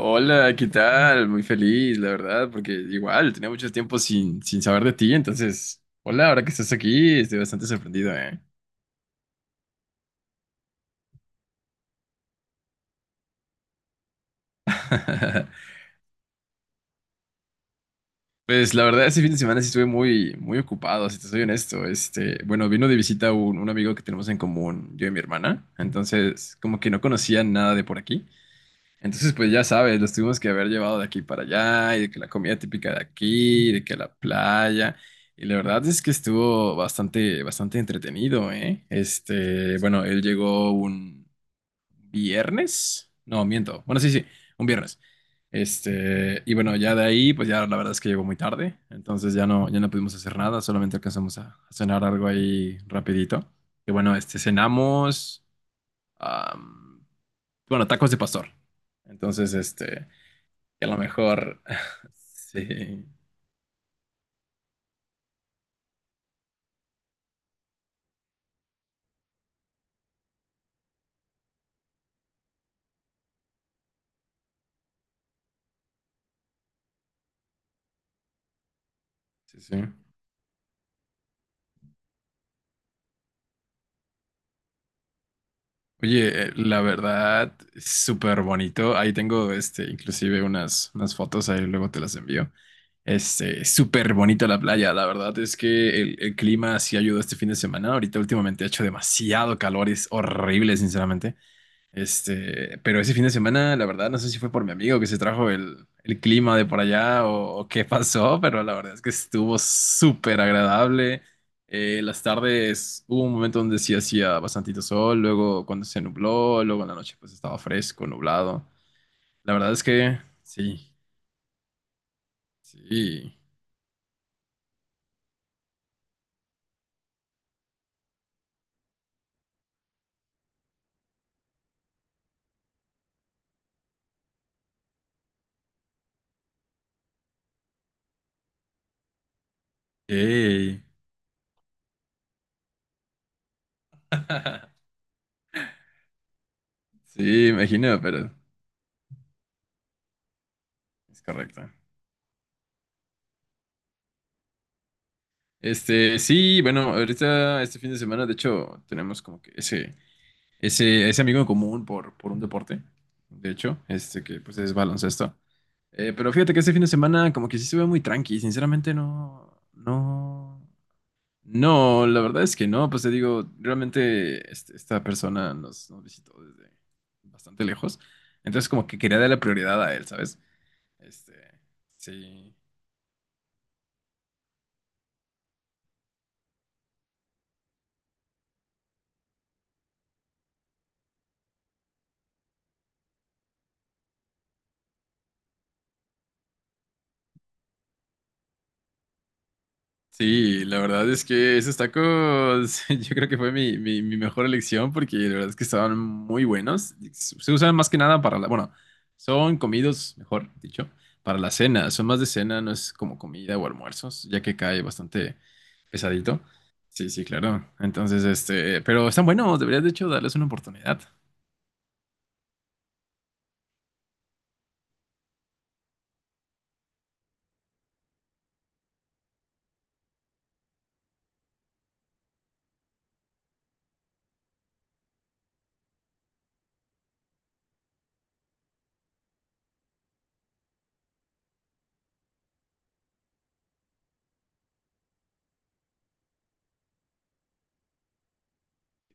Hola, ¿qué tal? Muy feliz, la verdad, porque igual tenía mucho tiempo sin saber de ti, entonces, hola, ahora que estás aquí, estoy bastante sorprendido, ¿eh? Pues la verdad, ese fin de semana sí estuve muy ocupado, si te soy honesto. Bueno, vino de visita un amigo que tenemos en común, yo y mi hermana, entonces, como que no conocía nada de por aquí. Entonces, pues ya sabes, los tuvimos que haber llevado de aquí para allá, y de que la comida típica de aquí, y de que la playa, y la verdad es que estuvo bastante entretenido, ¿eh? Bueno, él llegó un viernes, no, miento, bueno, sí, sí, un viernes. Y bueno, ya de ahí, pues ya la verdad es que llegó muy tarde, entonces ya no pudimos hacer nada, solamente alcanzamos a cenar algo ahí rapidito. Y bueno, cenamos, am, bueno, tacos de pastor. Entonces, a lo mejor, sí, sí, sí. Oye, la verdad, súper bonito. Ahí tengo, inclusive unas fotos, ahí luego te las envío. Súper bonita la playa. La verdad es que el clima sí ayudó este fin de semana. Ahorita últimamente ha hecho demasiado calor, es horrible, sinceramente. Pero ese fin de semana, la verdad, no sé si fue por mi amigo que se trajo el clima de por allá o qué pasó, pero la verdad es que estuvo súper agradable. Las tardes hubo un momento donde sí hacía bastantito sol, luego cuando se nubló, luego en la noche pues estaba fresco, nublado. La verdad es que sí, sí, ey, sí, imagino, pero es correcto. Sí, bueno, ahorita este fin de semana, de hecho, tenemos como que ese amigo en común por un deporte, de hecho, que pues es baloncesto. Pero fíjate que este fin de semana como que sí se ve muy tranqui, sinceramente no, la verdad es que no, pues te digo, realmente esta persona nos visitó desde bastante lejos, entonces como que quería darle prioridad a él, ¿sabes? Este, sí, Sí, la verdad es que esos tacos yo creo que fue mi mejor elección porque la verdad es que estaban muy buenos. Se usan más que nada para la, bueno, son comidos, mejor dicho, para la cena. Son más de cena, no es como comida o almuerzos, ya que cae bastante pesadito. Sí, sí, claro. Entonces, pero están buenos, deberías de hecho darles una oportunidad.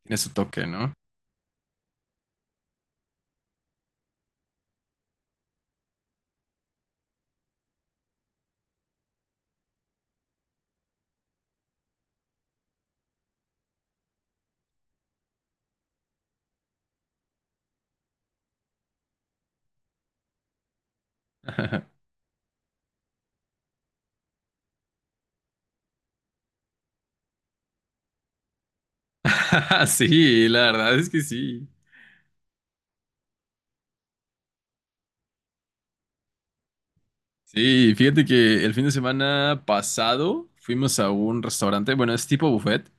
Tiene su toque, ¿no? Sí, la verdad es que sí. Sí, fíjate que el fin de semana pasado fuimos a un restaurante, bueno, es tipo buffet,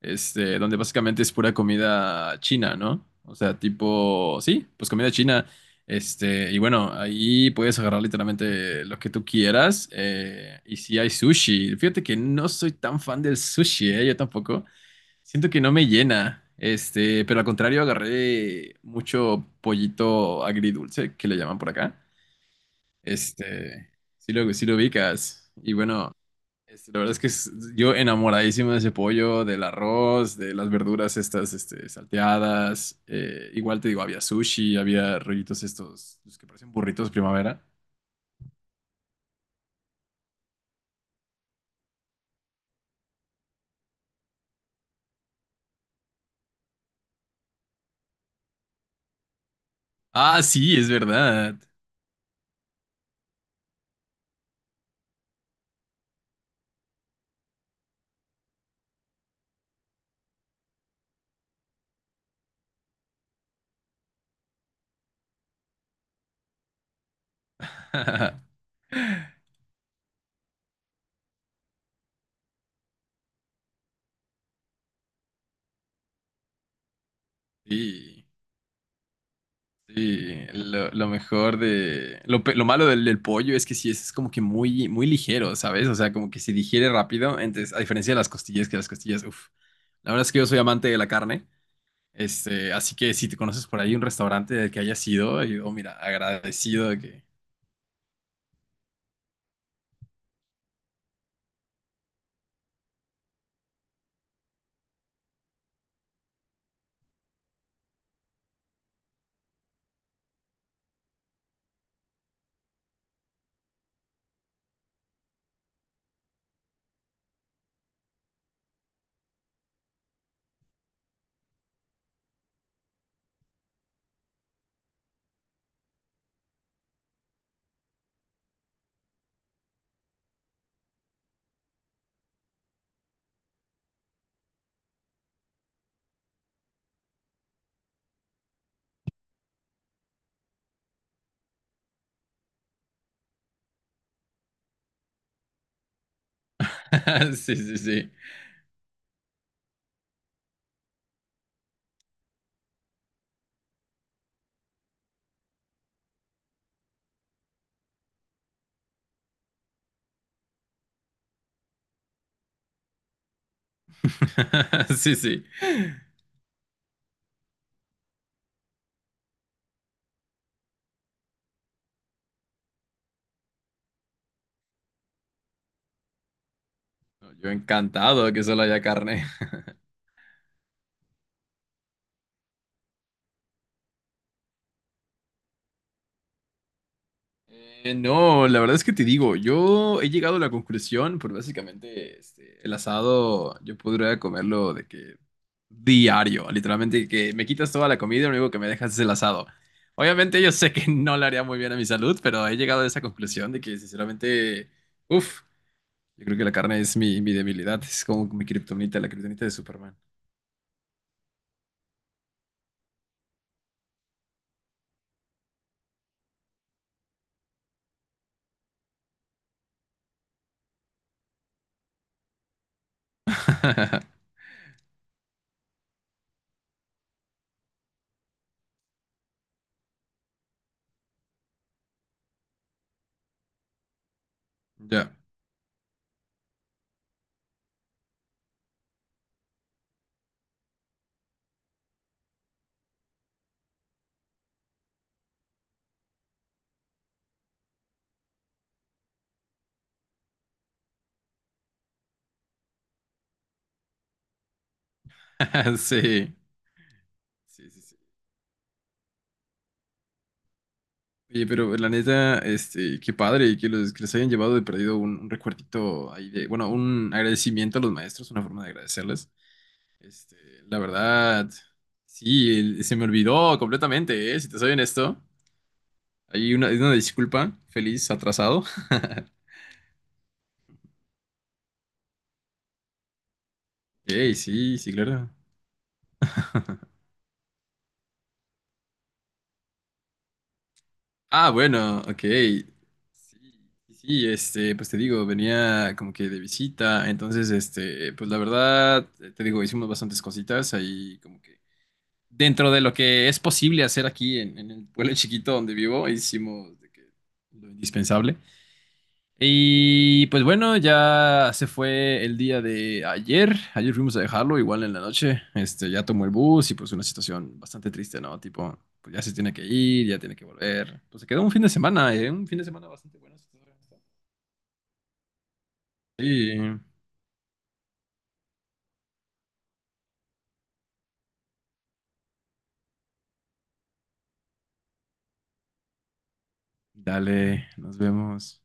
donde básicamente es pura comida china, ¿no? O sea, tipo, sí, pues comida china, y bueno, ahí puedes agarrar literalmente lo que tú quieras, y si hay sushi, fíjate que no soy tan fan del sushi, ¿eh? Yo tampoco, siento que no me llena, pero al contrario agarré mucho pollito agridulce, que le llaman por acá. Este, sí lo ubicas. Y bueno, la verdad es que yo enamoradísimo de ese pollo, del arroz, de las verduras estas, salteadas. Igual te digo, había sushi, había rollitos estos, los que parecen burritos primavera. Ah, sí, es verdad. Sí. Sí, lo mejor de... Lo malo del pollo es que sí, es como que muy ligero, ¿sabes? O sea, como que se digiere rápido, entonces, a diferencia de las costillas, que las costillas, uff. La verdad es que yo soy amante de la carne, así que si te conoces por ahí un restaurante del que hayas ido, yo, oh, mira, agradecido de que... Sí, sí, sí. Sí, sí. No, yo encantado de que solo haya carne. No, la verdad es que te digo, yo he llegado a la conclusión, por básicamente el asado, yo podría comerlo de que diario, literalmente que me quitas toda la comida y lo único que me dejas es el asado. Obviamente yo sé que no le haría muy bien a mi salud, pero he llegado a esa conclusión de que sinceramente, uff, yo creo que la carne es mi debilidad, es como mi kriptonita, la kriptonita de Superman. Ya, sí, sí, sí. Sí. Oye, pero la neta, qué padre que los que les hayan llevado de perdido un recuerdito ahí de, bueno, un agradecimiento a los maestros, una forma de agradecerles. Este, la verdad, sí, se me olvidó completamente, ¿eh? Si te soy honesto, hay hay una disculpa, feliz atrasado. Ok, sí, sí, claro. Ah, bueno, ok. Sí, sí, pues te digo, venía como que de visita, entonces, pues la verdad, te digo, hicimos bastantes cositas ahí como que dentro de lo que es posible hacer aquí en el pueblo chiquito donde vivo, hicimos de que lo indispensable. Y pues bueno, ya se fue el día de ayer. Ayer fuimos a dejarlo, igual en la noche. Ya tomó el bus y pues una situación bastante triste, ¿no? Tipo, pues ya se tiene que ir, ya tiene que volver. Pues se quedó un fin de semana, ¿eh? Un fin de semana bastante bueno. si Sí, dale, nos vemos.